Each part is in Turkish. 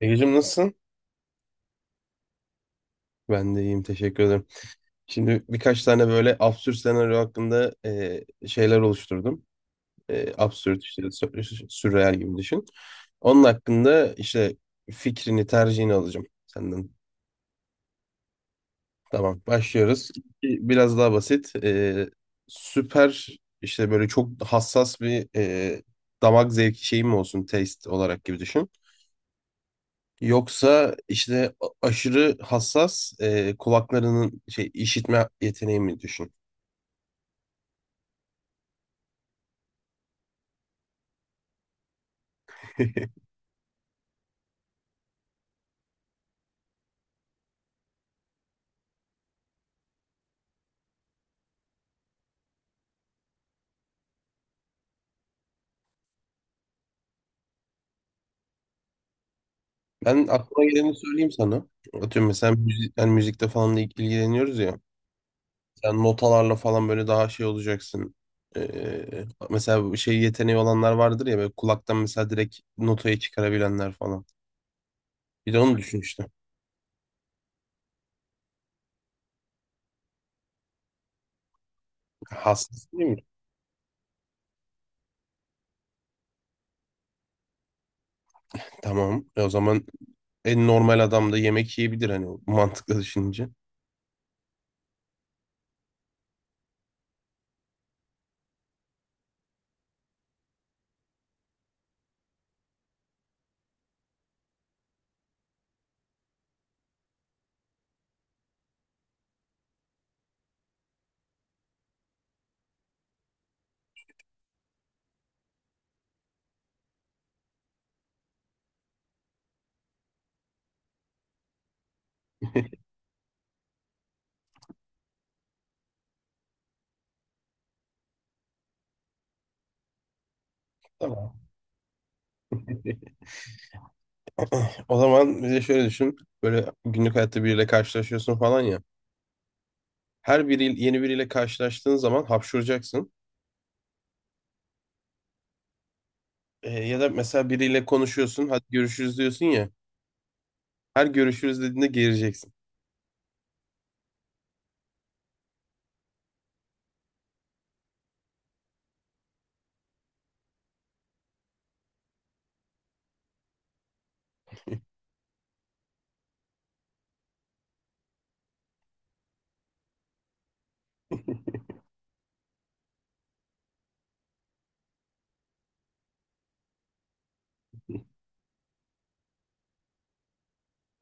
Egecim nasılsın? Ben de iyiyim, teşekkür ederim. Şimdi birkaç tane böyle absürt senaryo hakkında şeyler oluşturdum. Absürt işte sürreal gibi düşün. Onun hakkında işte fikrini, tercihini alacağım senden. Tamam, başlıyoruz. Biraz daha basit. Süper işte böyle çok hassas bir damak zevki şeyim olsun, taste olarak gibi düşün. Yoksa işte aşırı hassas kulaklarının şey işitme yeteneği mi düşün? Ben aklıma geleni söyleyeyim sana. Atıyorum mesela müzik, yani müzikte falan da ilgileniyoruz ya. Sen notalarla falan böyle daha şey olacaksın. E, mesela bu şey yeteneği olanlar vardır ya, böyle kulaktan mesela direkt notayı çıkarabilenler falan. Bir de onu düşün işte. Hassas değil mi? Tamam. E o zaman en normal adam da yemek yiyebilir hani, mantıklı düşününce. Tamam. O zaman bir de şöyle düşün. Böyle günlük hayatta biriyle karşılaşıyorsun falan ya. Her biri yeni biriyle karşılaştığın zaman hapşuracaksın. Ya da mesela biriyle konuşuyorsun, hadi görüşürüz diyorsun ya. Her görüşürüz dediğinde geleceksin.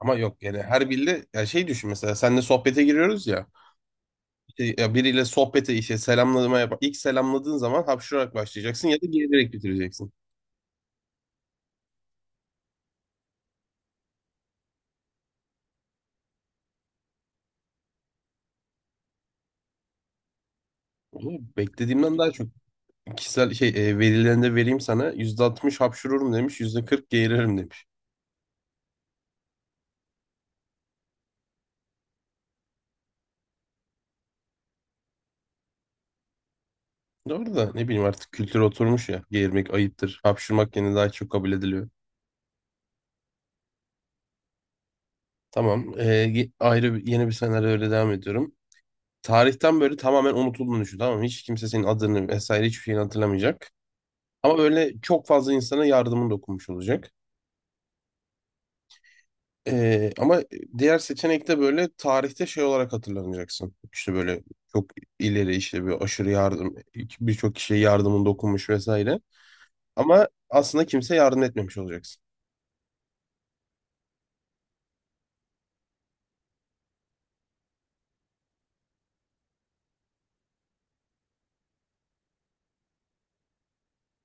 Ama yok yani, her biriyle ya şey düşün, mesela seninle sohbete giriyoruz ya. İşte ya biriyle sohbete işte selamlama yap. İlk selamladığın zaman hapşurarak başlayacaksın ya da gelerek bitireceksin. Oğlum, beklediğimden daha çok kişisel şey verilerinde vereyim sana. %60 hapşururum demiş, %40 geğiririm demiş. Doğru da ne bileyim, artık kültür oturmuş ya. Geğirmek ayıptır. Hapşırmak yine daha çok kabul ediliyor. Tamam. Ayrı yeni bir senaryo, öyle devam ediyorum. Tarihten böyle tamamen unutulduğunu düşün. Tamam mı? Hiç kimse senin adını vesaire hiçbir şeyini hatırlamayacak. Ama böyle çok fazla insana yardımın dokunmuş olacak. Ama diğer seçenekte böyle tarihte şey olarak hatırlanacaksın. İşte böyle çok ileri işte bir aşırı yardım, birçok kişiye yardımın dokunmuş vesaire. Ama aslında kimse yardım etmemiş olacaksın.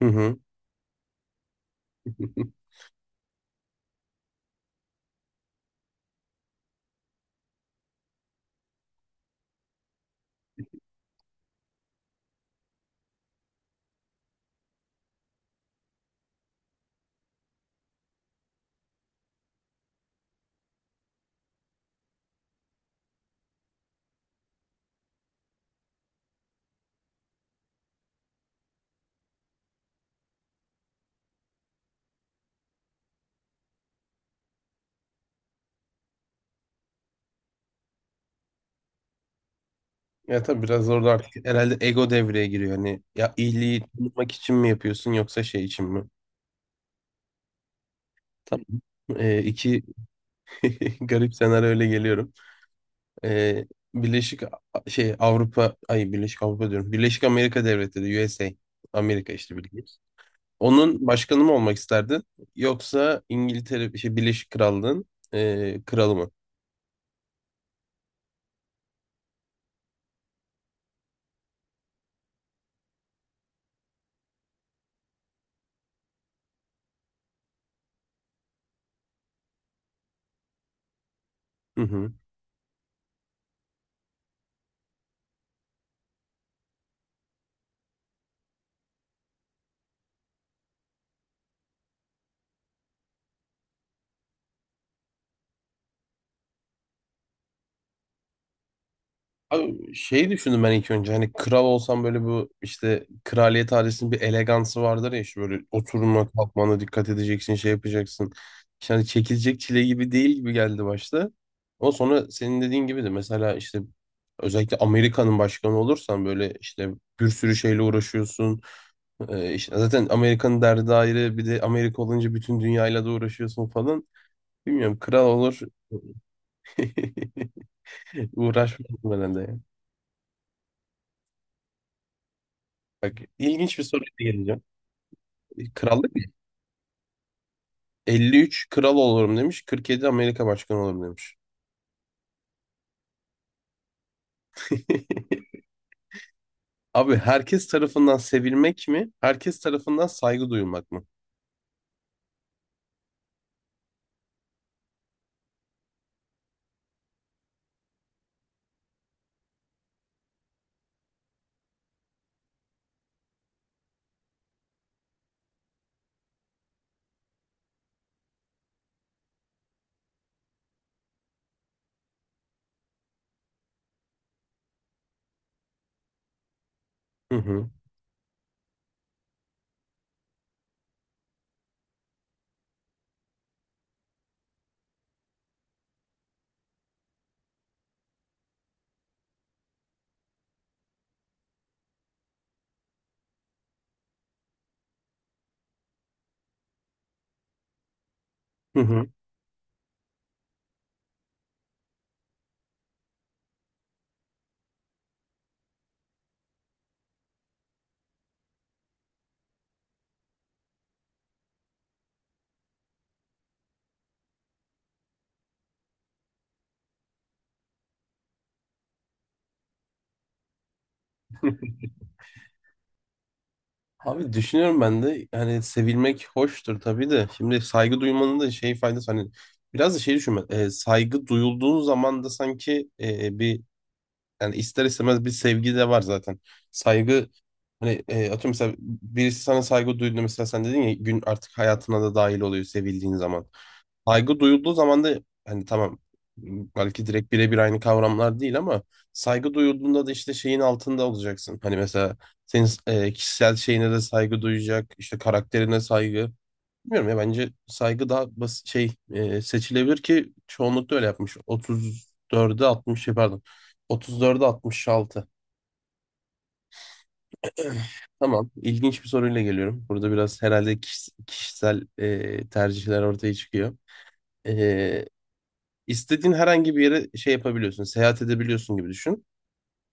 Hı hı. Ya tabii, biraz orada artık herhalde ego devreye giriyor. Hani ya iyiliği tanıtmak için mi yapıyorsun yoksa şey için mi? Tam iki garip senaryo öyle geliyorum. E, Birleşik şey Avrupa, ay Birleşik Avrupa diyorum. Birleşik Amerika Devletleri, USA. Amerika işte, bildiğimiz. Onun başkanı mı olmak isterdin? Yoksa İngiltere şey Birleşik Krallığın kralı mı? Hı hı. Abi şey düşündüm ben ilk önce, hani kral olsam böyle, bu işte kraliyet ailesinin bir elegansı vardır ya, işte böyle oturma kalkmana dikkat edeceksin, şey yapacaksın. İşte hani çekilecek çile gibi değil gibi geldi başta. Ama sonra senin dediğin gibi de mesela işte özellikle Amerika'nın başkanı olursan böyle işte bir sürü şeyle uğraşıyorsun. İşte zaten Amerika'nın derdi ayrı, bir de Amerika olunca bütün dünyayla da uğraşıyorsun falan. Bilmiyorum, kral olur uğraşmaz herhalde. Bak, ilginç bir soruyla geleceğim. Krallık 53 kral olurum demiş, 47 Amerika başkanı olurum demiş. Abi, herkes tarafından sevilmek mi? Herkes tarafından saygı duyulmak mı? Hı hı. Hı hı. Abi düşünüyorum ben de, hani sevilmek hoştur tabii de, şimdi saygı duymanın da şey faydası, hani biraz da şey düşünme, saygı duyulduğun zaman da sanki bir, yani ister istemez bir sevgi de var zaten. Saygı hani atıyorum mesela, birisi sana saygı duyduğunda, mesela sen dedin ya, gün artık hayatına da dahil oluyor sevildiğin zaman. Saygı duyulduğu zaman da hani tamam, belki direkt birebir aynı kavramlar değil ama saygı duyulduğunda da işte şeyin altında olacaksın. Hani mesela senin kişisel şeyine de saygı duyacak, işte karakterine saygı. Bilmiyorum ya, bence saygı daha basit şey, seçilebilir ki çoğunlukla öyle yapmış. 34'e 60 şey, pardon. 34'e 66. Tamam. ilginç bir soruyla geliyorum. Burada biraz herhalde kişisel tercihler ortaya çıkıyor. E, istediğin herhangi bir yere şey yapabiliyorsun, seyahat edebiliyorsun gibi düşün.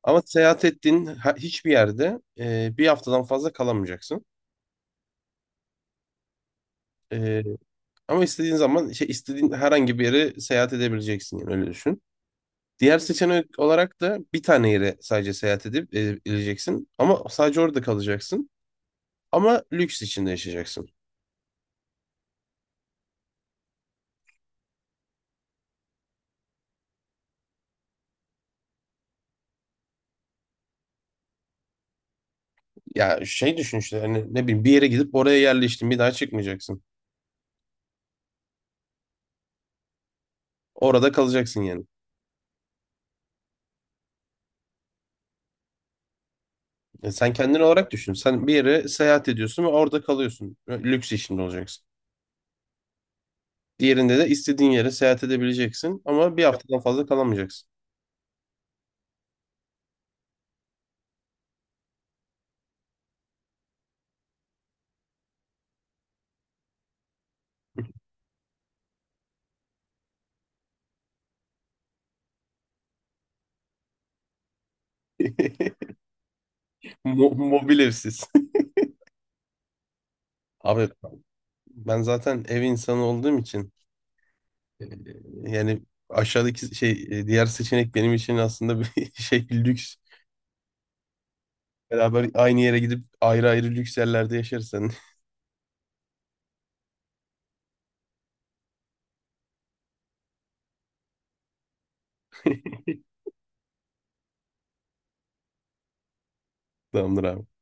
Ama seyahat ettiğin hiçbir yerde bir haftadan fazla kalamayacaksın. E, ama istediğin zaman şey, istediğin herhangi bir yere seyahat edebileceksin. Yani öyle düşün. Diğer seçenek olarak da bir tane yere sadece seyahat edip edileceksin. Ama sadece orada kalacaksın. Ama lüks içinde yaşayacaksın. Ya şey düşün işte, hani ne bileyim, bir yere gidip oraya yerleştin, bir daha çıkmayacaksın. Orada kalacaksın yani. E, sen kendin olarak düşün. Sen bir yere seyahat ediyorsun ve orada kalıyorsun. Lüks içinde olacaksın. Diğerinde de istediğin yere seyahat edebileceksin ama bir haftadan fazla kalamayacaksın. Mobil evsiz. Abi, ben zaten ev insanı olduğum için yani aşağıdaki şey, diğer seçenek benim için aslında bir şey lüks. Beraber aynı yere gidip ayrı ayrı lüks yerlerde yaşarsan tamamdır abi.